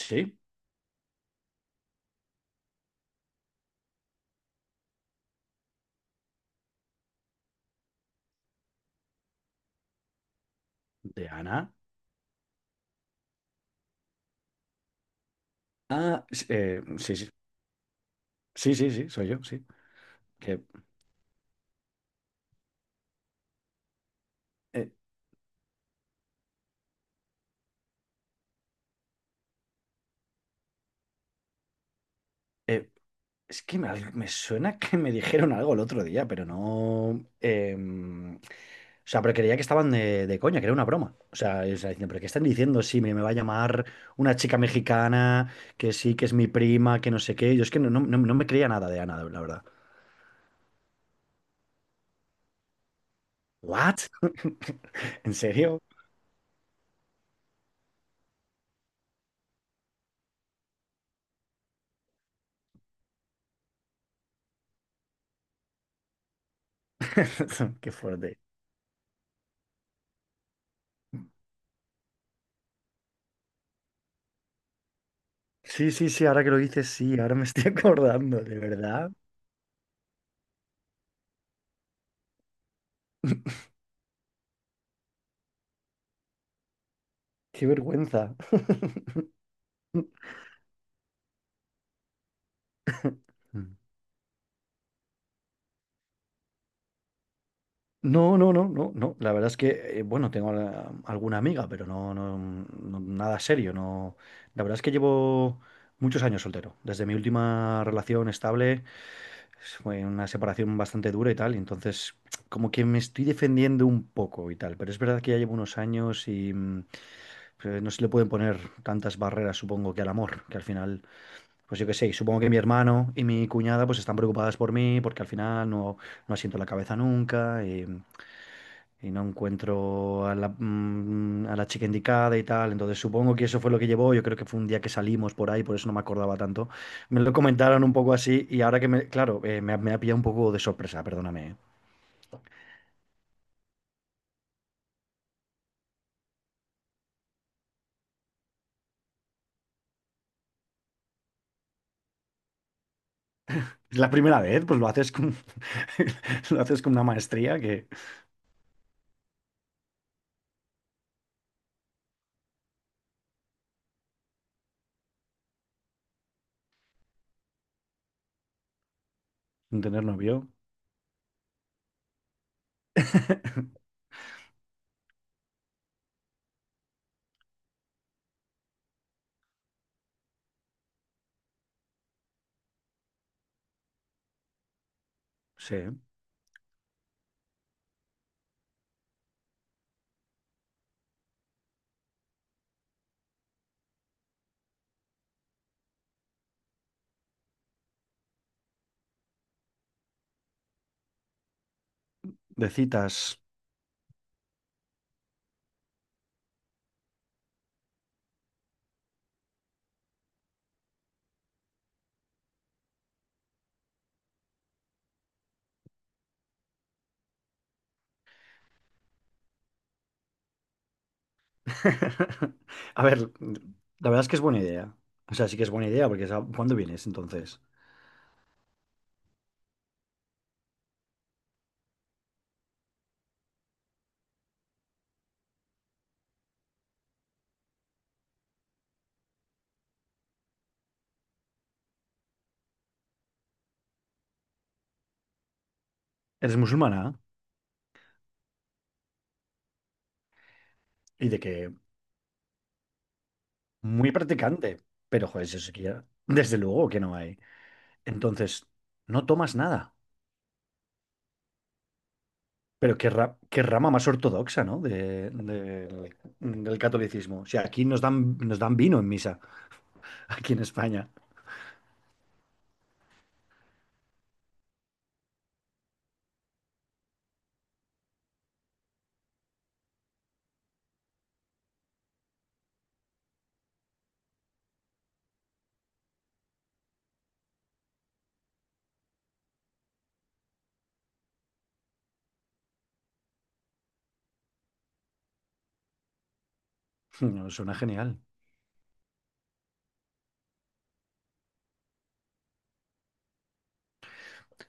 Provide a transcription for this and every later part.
Sí, de Ana. Ah, sí, soy yo, sí. Que, eh, eh, es que me suena que me dijeron algo el otro día, pero no... o sea, pero creía que estaban de coña, que era una broma. O sea, o sea, diciendo, pero ¿qué están diciendo? Sí, me va a llamar una chica mexicana, que sí, que es mi prima, que no sé qué. Yo es que no me creía nada de Ana, la verdad. ¿What? ¿En serio? Qué fuerte. Sí, sí, sí, ahora que lo dices, sí, ahora me estoy acordando, de verdad. Qué vergüenza. No, no, no, no, no. La verdad es que, bueno, tengo alguna amiga, pero nada serio. No. La verdad es que llevo muchos años soltero. Desde mi última relación estable, fue una separación bastante dura y tal. Y entonces, como que me estoy defendiendo un poco y tal. Pero es verdad que ya llevo unos años y, pues, no se le pueden poner tantas barreras, supongo, que al amor, que al final. Pues yo qué sé, y supongo que mi hermano y mi cuñada pues están preocupadas por mí porque al final no, no asiento la cabeza nunca y, y no encuentro a la, a la chica indicada y tal. Entonces supongo que eso fue lo que llevó. Yo creo que fue un día que salimos por ahí, por eso no me acordaba tanto. Me lo comentaron un poco así y ahora que me, claro, me ha pillado un poco de sorpresa, perdóname. ¿Eh? Es la primera vez, pues lo haces con, lo haces con una maestría que sin tener novio. Sí, de citas. A ver, la verdad es que es buena idea. O sea, sí que es buena idea, porque ¿cuándo vienes entonces? ¿Eres musulmana y de que muy practicante? Pero joder, eso sí que desde luego que no hay. Entonces, no tomas nada. Pero qué rama más ortodoxa, ¿no? Del del catolicismo. O sea, aquí nos dan vino en misa, aquí en España. No, suena genial.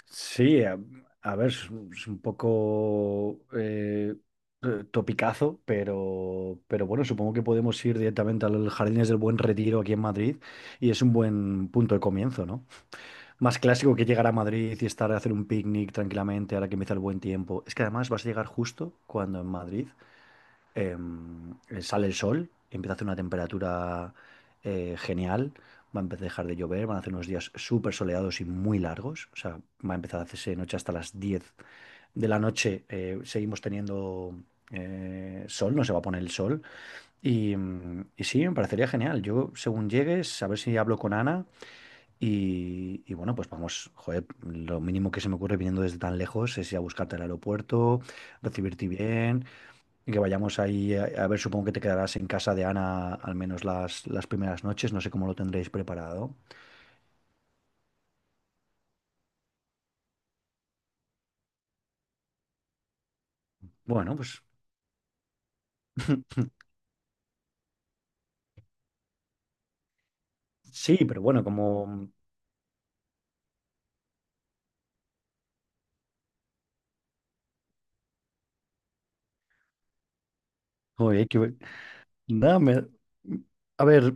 Sí, a ver, es un poco topicazo, pero bueno, supongo que podemos ir directamente al Jardines del Buen Retiro aquí en Madrid y es un buen punto de comienzo, ¿no? Más clásico que llegar a Madrid y estar a hacer un picnic tranquilamente ahora que empieza el buen tiempo. Es que además vas a llegar justo cuando en Madrid sale el sol, empieza a hacer una temperatura genial, va a empezar a dejar de llover, van a hacer unos días súper soleados y muy largos, o sea, va a empezar a hacerse noche hasta las 10 de la noche, seguimos teniendo sol, no se va a poner el sol, y, y sí, me parecería genial, yo según llegues, a ver si hablo con Ana. Y bueno, pues vamos, joder, lo mínimo que se me ocurre viniendo desde tan lejos es ir a buscarte al aeropuerto, recibirte bien, y que vayamos ahí a ver, supongo que te quedarás en casa de Ana al menos las primeras noches, no sé cómo lo tendréis preparado. Bueno, pues sí, pero bueno, como... Oye, que... ve- Nada, me- A ver,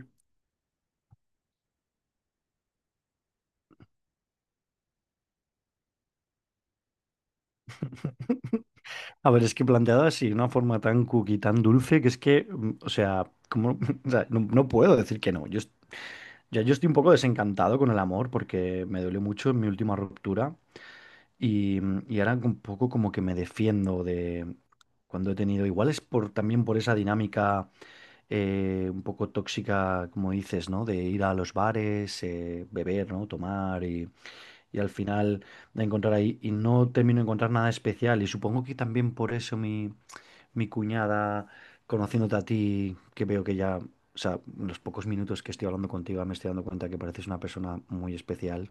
a ver, es que planteado así, de una forma tan cookie, tan dulce, que es que, o sea, como, o sea, no, no puedo decir que no. Ya yo estoy un poco desencantado con el amor porque me duele mucho en mi última ruptura. Y, y ahora un poco como que me defiendo de cuando he tenido, igual es por también por esa dinámica un poco tóxica, como dices, ¿no? De ir a los bares, beber, ¿no? Tomar y al final de encontrar ahí y no termino de encontrar nada especial. Y supongo que también por eso mi, mi cuñada, conociéndote a ti, que veo que ya, o sea, en los pocos minutos que estoy hablando contigo me estoy dando cuenta que pareces una persona muy especial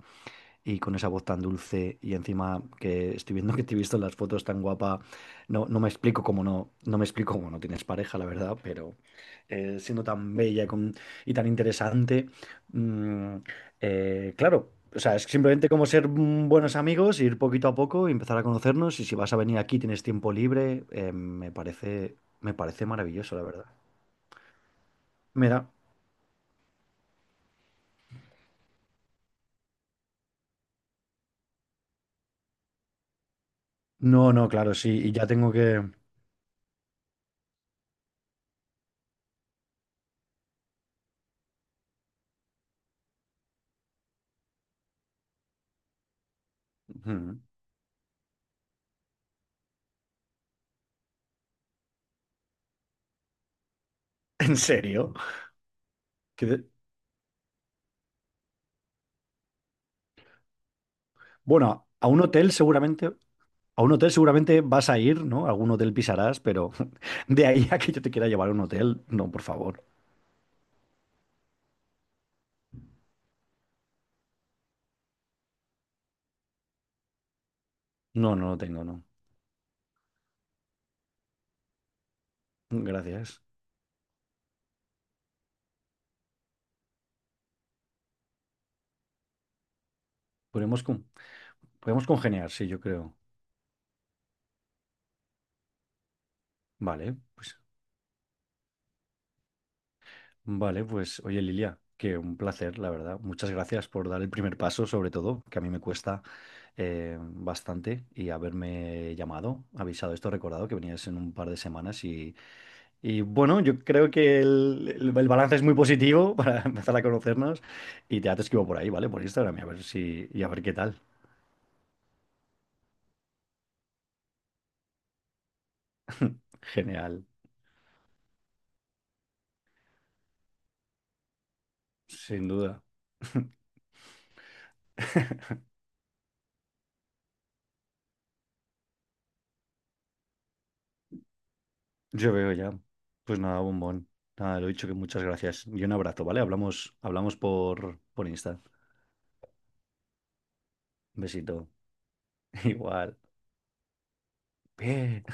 y con esa voz tan dulce y encima que estoy viendo que te he visto en las fotos tan guapa, no, no me explico cómo no, no me explico cómo no tienes pareja, la verdad, pero siendo tan bella y y tan interesante, mm, claro, o sea, es simplemente como ser buenos amigos, ir poquito a poco, y empezar a conocernos y si vas a venir aquí, tienes tiempo libre, me parece maravilloso, la verdad. Mira, no, no, claro, sí, y ya tengo que... Ujú. ¿En serio? Bueno, a un hotel seguramente, a un hotel seguramente vas a ir, ¿no? Algún hotel pisarás, pero de ahí a que yo te quiera llevar a un hotel, no, por favor. No, no lo tengo, no. Gracias. Podemos con- Podemos congeniar, sí, yo creo. Vale, pues, vale, pues, oye, Lilia, que un placer, la verdad. Muchas gracias por dar el primer paso, sobre todo, que a mí me cuesta bastante, y haberme llamado, avisado esto, recordado que venías en un par de semanas y bueno, yo creo que el balance es muy positivo para empezar a conocernos y ya te escribo por ahí, ¿vale? Por Instagram y a ver si y a ver qué tal. Genial, sin duda. Yo veo ya. Pues nada, bombón. Nada, lo he dicho que muchas gracias y un abrazo, ¿vale? Hablamos, hablamos por Insta. Un besito. Igual. Bien.